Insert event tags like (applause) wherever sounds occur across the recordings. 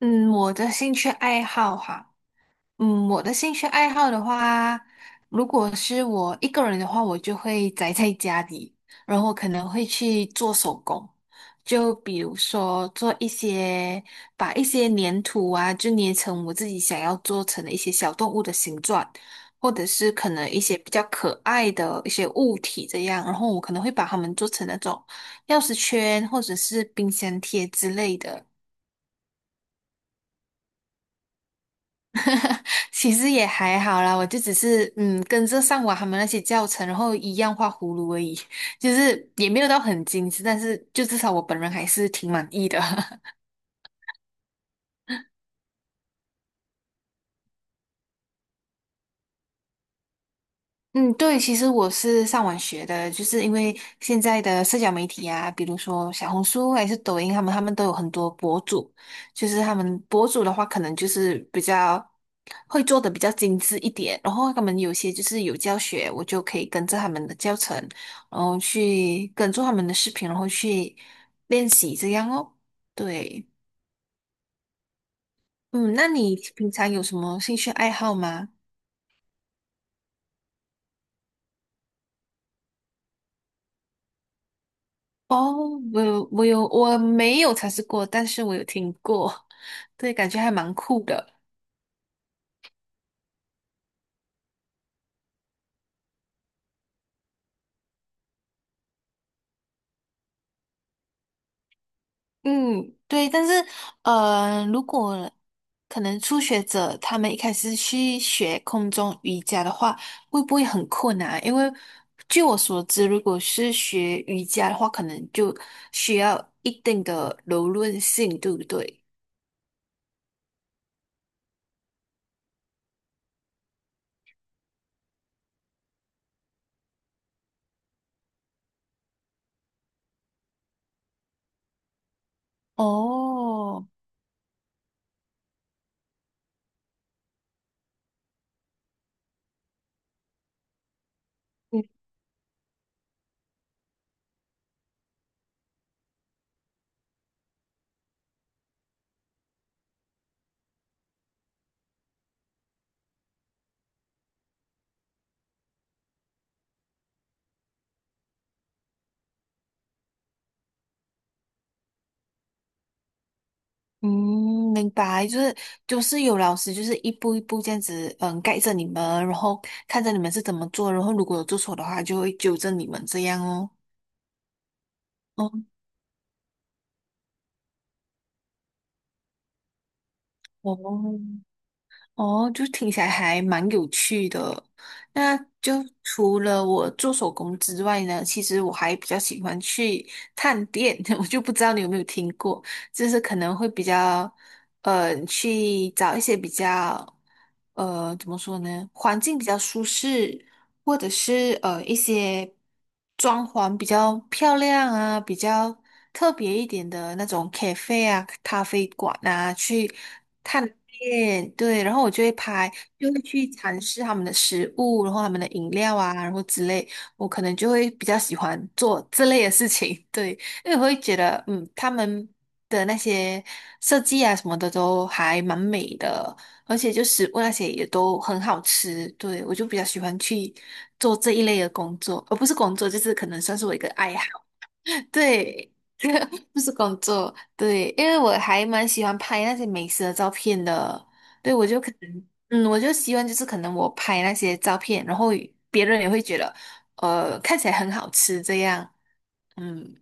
嗯，我的兴趣爱好哈，嗯，我的兴趣爱好的话，如果是我一个人的话，我就会宅在家里，然后可能会去做手工，就比如说做一些，把一些粘土啊，就捏成我自己想要做成的一些小动物的形状，或者是可能一些比较可爱的一些物体这样，然后我可能会把它们做成那种钥匙圈或者是冰箱贴之类的。(laughs) 其实也还好啦，我就只是嗯跟着上网他们那些教程，然后一样画葫芦而已，(laughs) 就是也没有到很精致，但是就至少我本人还是挺满意的。(laughs) 嗯，对，其实我是上网学的，就是因为现在的社交媒体啊，比如说小红书还是抖音，他们都有很多博主，就是他们博主的话，可能就是比较会做的比较精致一点，然后他们有些就是有教学，我就可以跟着他们的教程，然后去跟着他们的视频，然后去练习这样哦。对，嗯，那你平常有什么兴趣爱好吗？哦，我有，我有，我没有尝试过，但是我有听过，(laughs) 对，感觉还蛮酷的。嗯，对，但是如果可能初学者他们一开始去学空中瑜伽的话，会不会很困难啊？因为据我所知，如果是学瑜伽的话，可能就需要一定的柔韧性，对不对？哦，嗯，明白，就是有老师就是一步一步这样子，嗯，盖着你们，然后看着你们是怎么做，然后如果有做错的话，就会纠正你们这样哦。哦哦哦，就听起来还蛮有趣的。那就除了我做手工之外呢，其实我还比较喜欢去探店，(laughs) 我就不知道你有没有听过。就是可能会比较去找一些比较怎么说呢，环境比较舒适，或者是一些装潢比较漂亮啊，比较特别一点的那种 cafe 啊、咖啡馆啊去探店，对，然后我就会拍，就会去尝试他们的食物，然后他们的饮料啊，然后之类，我可能就会比较喜欢做这类的事情，(laughs) 对，因为我会觉得，嗯，他们的那些设计啊什么的都还蛮美的，而且就食物那些也都很好吃。对，我就比较喜欢去做这一类的工作，而不是工作，就是可能算是我一个爱好。对，(laughs) 不是工作，对，因为我还蛮喜欢拍那些美食的照片的。对，我就可能，嗯，我就希望就是可能我拍那些照片，然后别人也会觉得，看起来很好吃这样。嗯，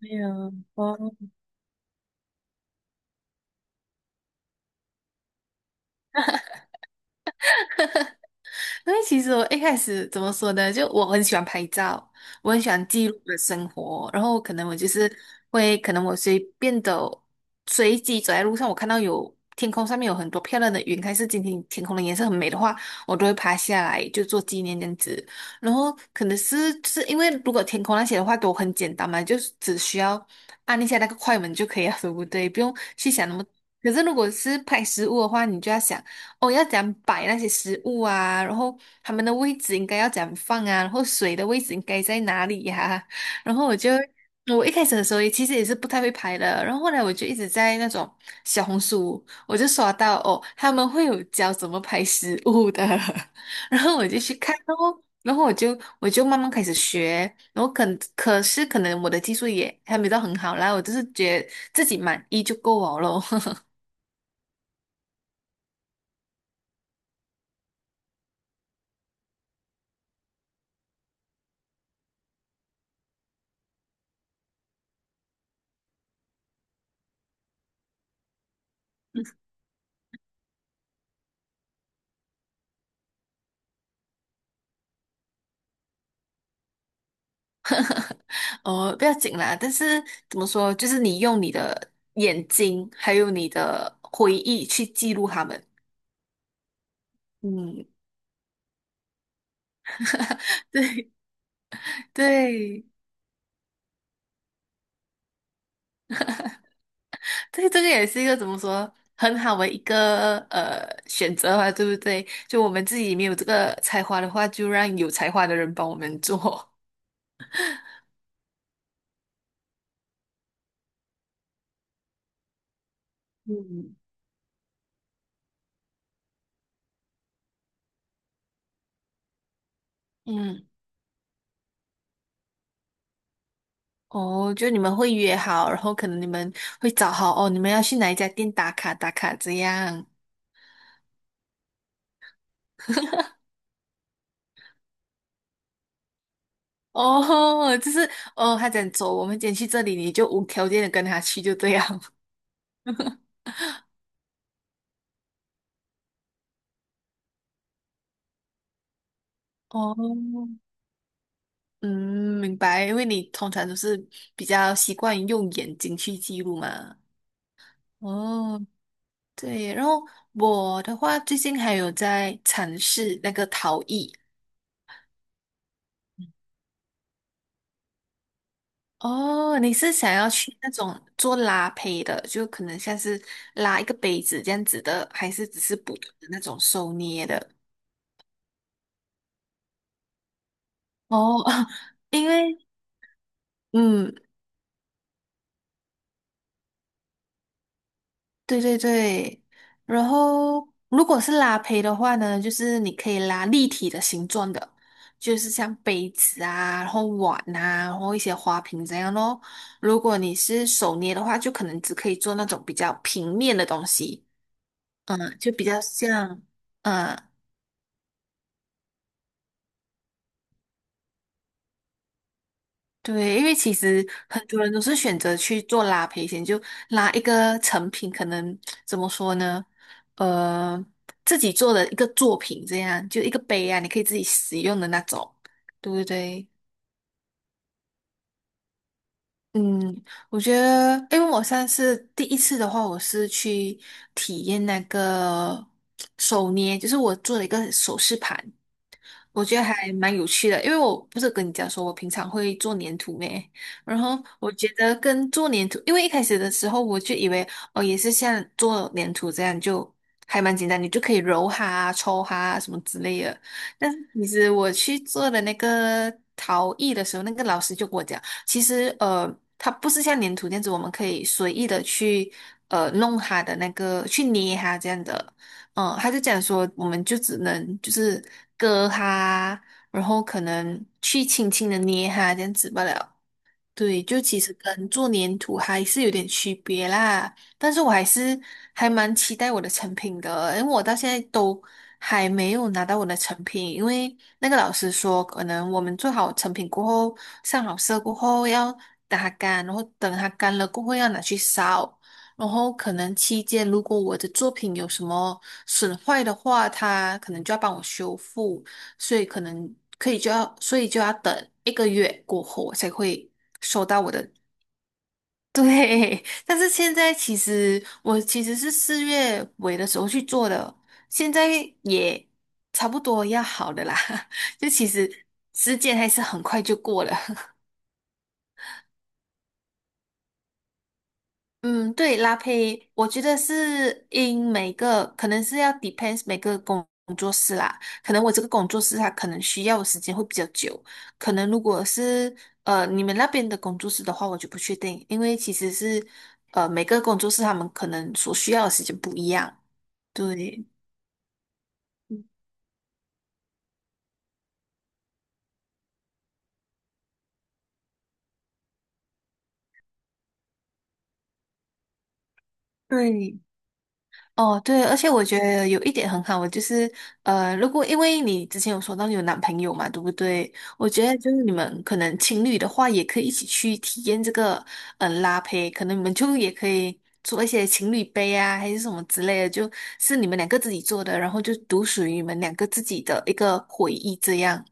没呀，哇，因为其实我一开始怎么说呢，就我很喜欢拍照，我很喜欢记录我的生活，然后可能我就是会，可能我随便的随机走在路上，我看到有天空上面有很多漂亮的云，还是今天天空的颜色很美的话，我都会拍下来就做纪念这样子。然后可能是因为如果天空那些的话都很简单嘛，就是只需要按一下那个快门就可以了，对不对？不用去想那么。可是如果是拍食物的话，你就要想。哦，要怎样摆那些食物啊，然后他们的位置应该要怎样放啊，然后水的位置应该在哪里呀、(laughs) 然后我就我一开始的时候也其实也是不太会拍的，然后后来我就一直在那种小红书，我就刷到哦，他们会有教怎么拍食物的，(laughs) 然后我就去看哦。然后我就慢慢开始学，然后可是可能我的技术也还没到很好啦，我就是觉得自己满意就够我咯。(laughs) 哦，不要紧啦。但是怎么说，就是你用你的眼睛，还有你的回忆去记录他们。嗯，对 (laughs) 对对，这个也是一个怎么说很好的一个选择吧，对不对？就我们自己没有这个才华的话，就让有才华的人帮我们做。嗯，嗯，哦，就你们会约好，然后可能你们会找好哦，你们要去哪一家店打卡打卡这样。哦，就是哦，他讲走，我们今天去这里，你就无条件的跟他去，就这样。(laughs) 哦，嗯，明白，因为你通常都是比较习惯于用眼睛去记录嘛。哦，对，然后我的话最近还有在尝试那个陶艺。哦，你是想要去那种做拉胚的，就可能像是拉一个杯子这样子的，还是只是普通的那种手捏的？哦，(laughs) 因为。嗯，对对对，然后如果是拉胚的话呢，就是你可以拉立体的形状的，就是像杯子啊，然后碗啊，然后一些花瓶这样咯。如果你是手捏的话，就可能只可以做那种比较平面的东西，嗯，就比较像，嗯。对，因为其实很多人都是选择去做拉赔险，就拉一个成品，可能怎么说呢？呃，自己做的一个作品，这样就一个杯啊，你可以自己使用的那种，对不对？嗯，我觉得，因为我上次第一次的话，我是去体验那个手捏，就是我做了一个首饰盘，我觉得还蛮有趣的，因为我不是跟你讲说，我平常会做粘土咩？然后我觉得跟做粘土，因为一开始的时候我就以为哦，也是像做粘土这样，就还蛮简单，你就可以揉它啊抽它啊什么之类的。但是其实我去做的那个陶艺的时候，那个老师就跟我讲，其实它不是像粘土这样子，我们可以随意的去弄它的那个，去捏它这样的。嗯，他就讲说，我们就只能就是割它，然后可能去轻轻的捏它这样子不了。对，就其实跟做粘土还是有点区别啦，但是我还是还蛮期待我的成品的，因为我到现在都还没有拿到我的成品，因为那个老师说，可能我们做好成品过后，上好色过后要打它干，然后等它干了过后要拿去烧，然后可能期间如果我的作品有什么损坏的话，他可能就要帮我修复。所以可能可以就要，所以就要等1个月过后我才会收到我的。对，(laughs) 但是现在其实我其实是四月尾的时候去做的，现在也差不多要好的啦，(laughs) 就其实时间还是很快就过了。嗯，对，拉胚，我觉得是因每个可能是要 depends 每个工作室啦，可能我这个工作室它可能需要的时间会比较久，可能如果是你们那边的工作室的话，我就不确定，因为其实是每个工作室他们可能所需要的时间不一样，对对。哦，对，而且我觉得有一点很好，我就是如果因为你之前有说到你有男朋友嘛，对不对？我觉得就是你们可能情侣的话，也可以一起去体验这个嗯，拉胚，可能你们就也可以做一些情侣杯啊，还是什么之类的，就是你们两个自己做的，然后就独属于你们两个自己的一个回忆这样。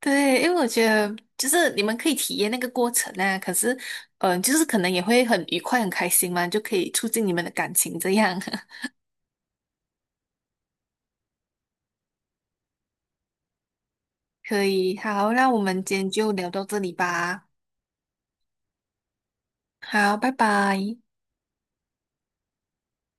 对，因为我觉得就是你们可以体验那个过程啊，可是嗯、就是可能也会很愉快、很开心嘛，就可以促进你们的感情这样。可以，好，那我们今天就聊到这里吧。好，拜拜。